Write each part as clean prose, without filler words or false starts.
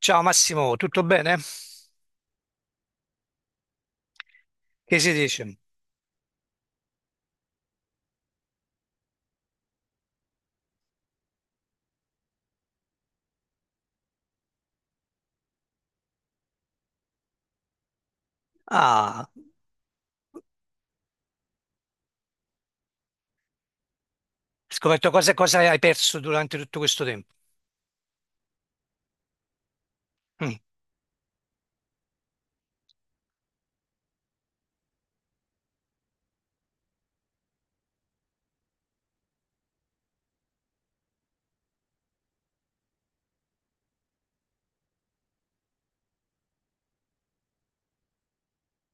Ciao Massimo, tutto bene? Che si dice? Ah, hai scoperto cosa hai perso durante tutto questo tempo.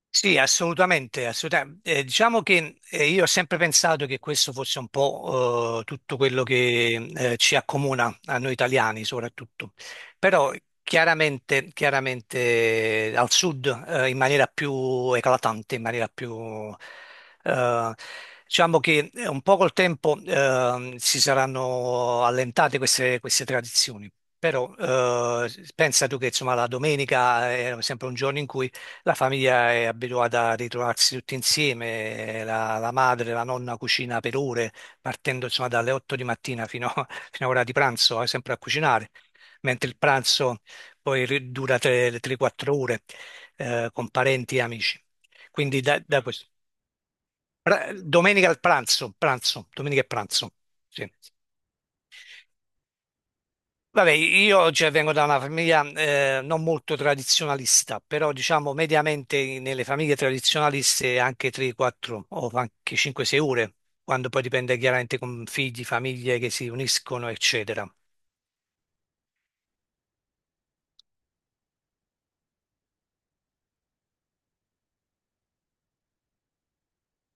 Sì, assolutamente, assolutamente. Diciamo che io ho sempre pensato che questo fosse un po' tutto quello che ci accomuna a noi italiani soprattutto, però chiaramente al sud, in maniera più eclatante, in maniera più. Eh, diciamo che un po' col tempo si saranno allentate queste tradizioni, però eh, pensa tu che insomma la domenica era sempre un giorno in cui la famiglia è abituata a ritrovarsi tutti insieme, la madre, la nonna cucina per ore, partendo insomma dalle 8 di mattina fino, fino a ora di pranzo, sempre a cucinare, mentre il pranzo poi dura 3-4 ore, con parenti e amici. Quindi da questo. Domenica al pranzo, pranzo, domenica e pranzo. Sì. Vabbè, io cioè, vengo da una famiglia non molto tradizionalista, però diciamo mediamente nelle famiglie tradizionaliste anche 3, 4 o anche 5, 6 ore, quando poi dipende chiaramente con figli, famiglie che si uniscono, eccetera.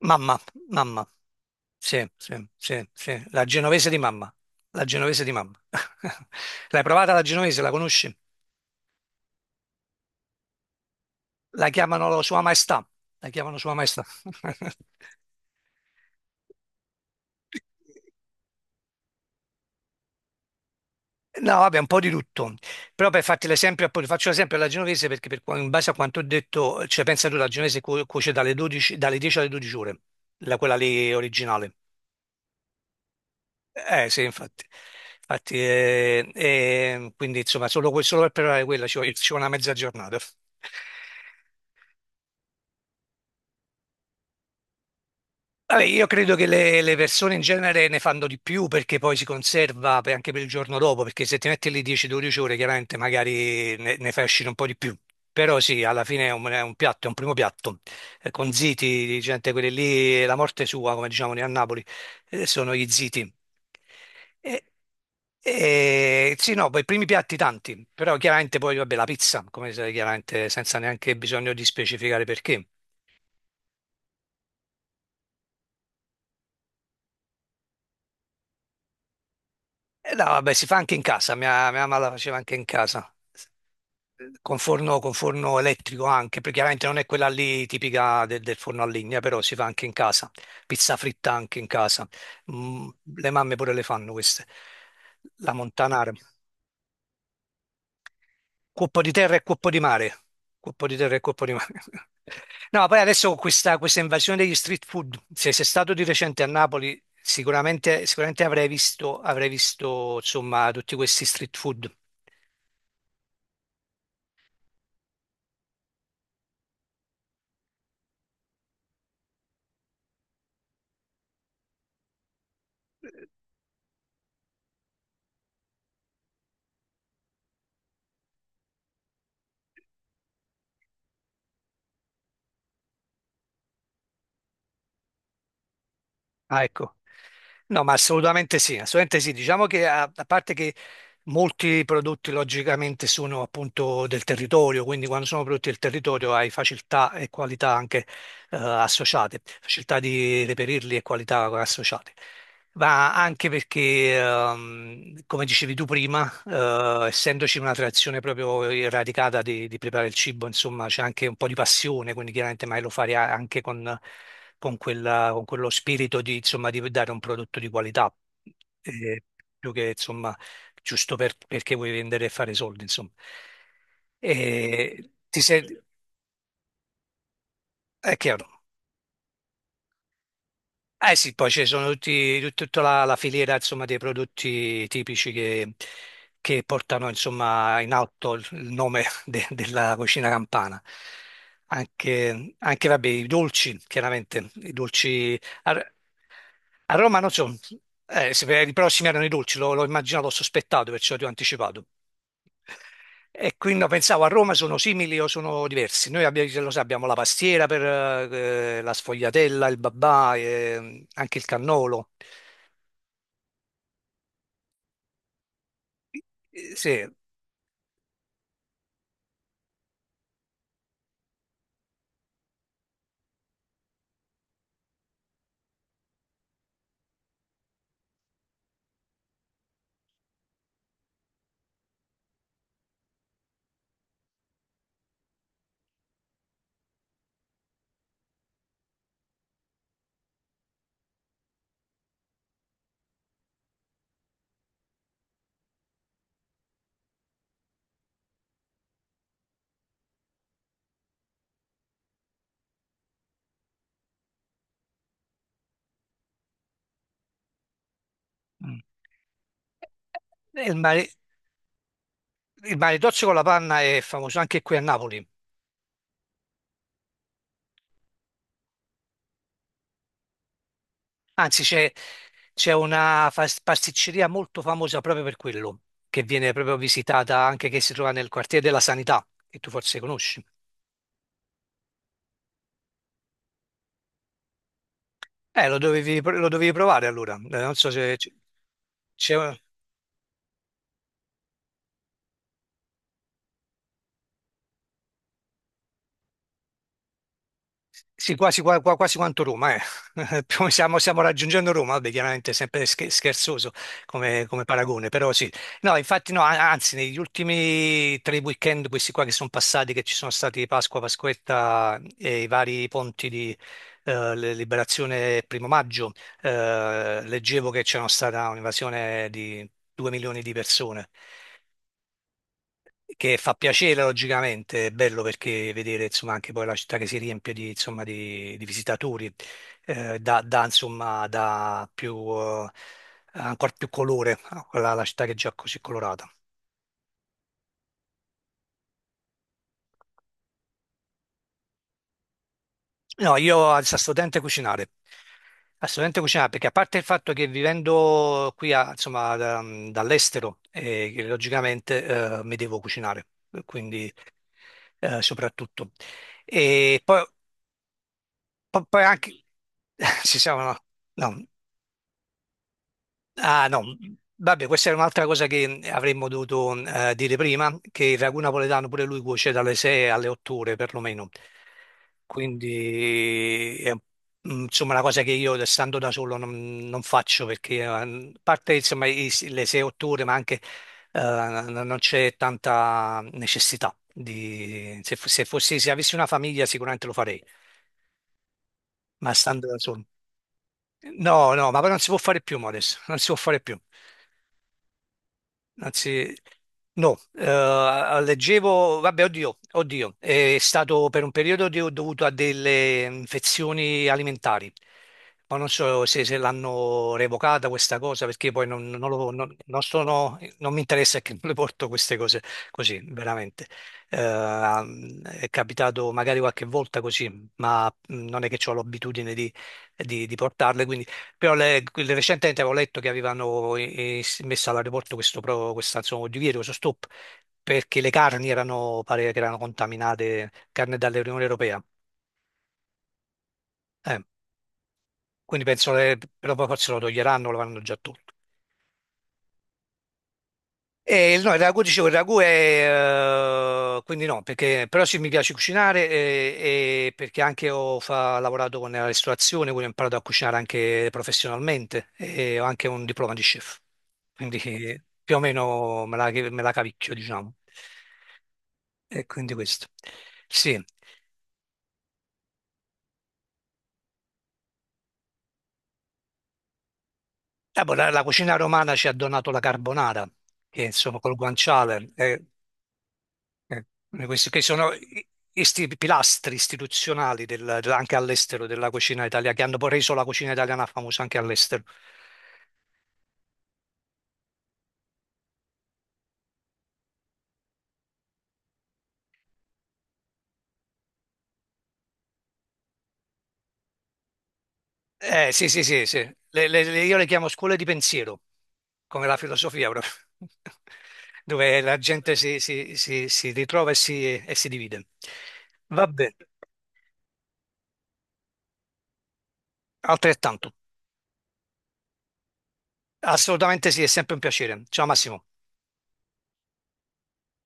Mamma, mamma, sì, sì, sì, sì, la genovese di mamma, la genovese di mamma. L'hai provata la genovese, la conosci? La chiamano Sua Maestà, la chiamano Sua Maestà. No, vabbè, un po' di tutto. Però per farti l'esempio, appunto, faccio l'esempio alla genovese perché in base a quanto ho detto, cioè pensa tu, la genovese cuoce dalle 12, dalle 10 alle 12 ore, quella lì originale. Eh sì, infatti. Infatti, quindi insomma, solo, solo per preparare quella ci vuole una mezza giornata. Vabbè, io credo che le persone in genere ne fanno di più perché poi si conserva anche per il giorno dopo, perché se ti metti lì 10-12 ore, chiaramente magari ne fai uscire un po' di più. Però sì, alla fine è un piatto, è un primo piatto. Con ziti, gente, quelli lì, la morte sua, come diciamo noi a Napoli, sono gli ziti. E, sì, no, poi i primi piatti tanti, però chiaramente poi, vabbè, la pizza, come sai, chiaramente senza neanche bisogno di specificare perché. Eh no, vabbè, si fa anche in casa, mia mamma la faceva anche in casa, con forno elettrico anche, perché chiaramente non è quella lì tipica del forno a legna, però si fa anche in casa, pizza fritta anche in casa. Mm. Le mamme pure le fanno queste, la montanara, cuoppo di terra e cuoppo di mare, cuoppo di terra e cuoppo di mare. No, poi adesso con questa invasione degli street food, se sei stato di recente a Napoli, sicuramente avrai visto insomma tutti questi street food. Ah, ecco. No, ma assolutamente sì, assolutamente sì. Diciamo che a parte che molti prodotti logicamente sono appunto del territorio, quindi quando sono prodotti del territorio hai facilità e qualità anche associate, facilità di reperirli e qualità associate. Ma anche perché, come dicevi tu prima, essendoci una tradizione proprio radicata di preparare il cibo, insomma, c'è anche un po' di passione, quindi chiaramente mai lo fare anche con quello spirito di, insomma, di dare un prodotto di qualità, eh, più che, insomma, giusto perché vuoi vendere e fare soldi, insomma. E ti sei. È chiaro. Eh sì, poi ci sono tutta la filiera, insomma, dei prodotti tipici che portano, insomma, in alto il nome della cucina campana. Anche, vabbè, i dolci, chiaramente, i dolci. A Roma non so, se per i prossimi erano i dolci, l'ho immaginato, l'ho sospettato, perciò ti ho anticipato. E quindi no, pensavo a Roma sono simili o sono diversi. Noi abbiamo, lo sai, abbiamo la pastiera, per la sfogliatella, il babà, anche il cannolo. Eh sì. Mm. E Il mare, il maritozzo con la panna è famoso anche qui a Napoli. Anzi, c'è una pasticceria molto famosa proprio per quello, che viene proprio visitata, anche che si trova nel quartiere della Sanità, che tu forse conosci. Lo dovevi provare allora. Non so se c'è. Sì, quasi quanto Roma, eh. Stiamo raggiungendo Roma, vabbè, chiaramente è sempre scherzoso come paragone, però sì. No, infatti no, anzi, negli ultimi 3 weekend, questi qua che sono passati, che ci sono stati Pasqua, Pasquetta e i vari ponti di Liberazione e Primo Maggio, leggevo che c'era stata un'invasione di 2 milioni di persone, che fa piacere logicamente, è bello perché vedere insomma anche poi la città che si riempie di, insomma, di visitatori, insomma dà più, ancora più colore a alla città che è già così colorata. No, io al studente cucinare, assolutamente cucinare perché a parte il fatto che vivendo qui insomma dall'estero, che logicamente mi devo cucinare, quindi soprattutto. E poi anche ci siamo, no? No. Ah, no. Vabbè, questa è un'altra cosa che avremmo dovuto dire prima, che il ragù napoletano pure lui cuoce dalle 6 alle 8 ore perlomeno. Quindi è, insomma una cosa che io stando da solo non faccio perché a parte insomma le 6-8 ore, ma anche non c'è tanta necessità di, se, fo- se fossi se avessi una famiglia sicuramente lo farei, ma stando da solo. No, no, ma non si può fare più, Modest, non si può fare più. Anzi, no, leggevo, vabbè, oddio, oddio, è stato per un periodo dovuto a delle infezioni alimentari, ma non so se l'hanno revocata questa cosa, perché poi non sono, non mi interessa, che non le porto queste cose così, veramente. È capitato magari qualche volta così, ma non è che ho l'abitudine di di portarle, quindi però recentemente avevo letto che avevano messo all'aeroporto questo questa, insomma, divieto, questo stop, perché le carni erano, pare che erano contaminate, carne dall'Unione Europea. Eh, quindi penso che però poi forse lo toglieranno, lo vanno già tolto. E no, il ragù, dicevo, il ragù è. Quindi no, perché, però sì, mi piace cucinare, e, perché anche ho lavorato con la ristorazione, quindi ho imparato a cucinare anche professionalmente e ho anche un diploma di chef. Quindi più o meno me la cavicchio, diciamo. E quindi questo. Sì. Boh, la cucina romana ci ha donato la carbonara, che insomma col guanciale. Eh, Questi che sono i pilastri istituzionali anche all'estero della cucina italiana, che hanno poi reso la cucina italiana famosa anche all'estero. Sì, sì, sì, sì. Io le chiamo scuole di pensiero, come la filosofia proprio, dove la gente si ritrova e e si divide. Va bene, altrettanto. Assolutamente sì, è sempre un piacere. Ciao Massimo.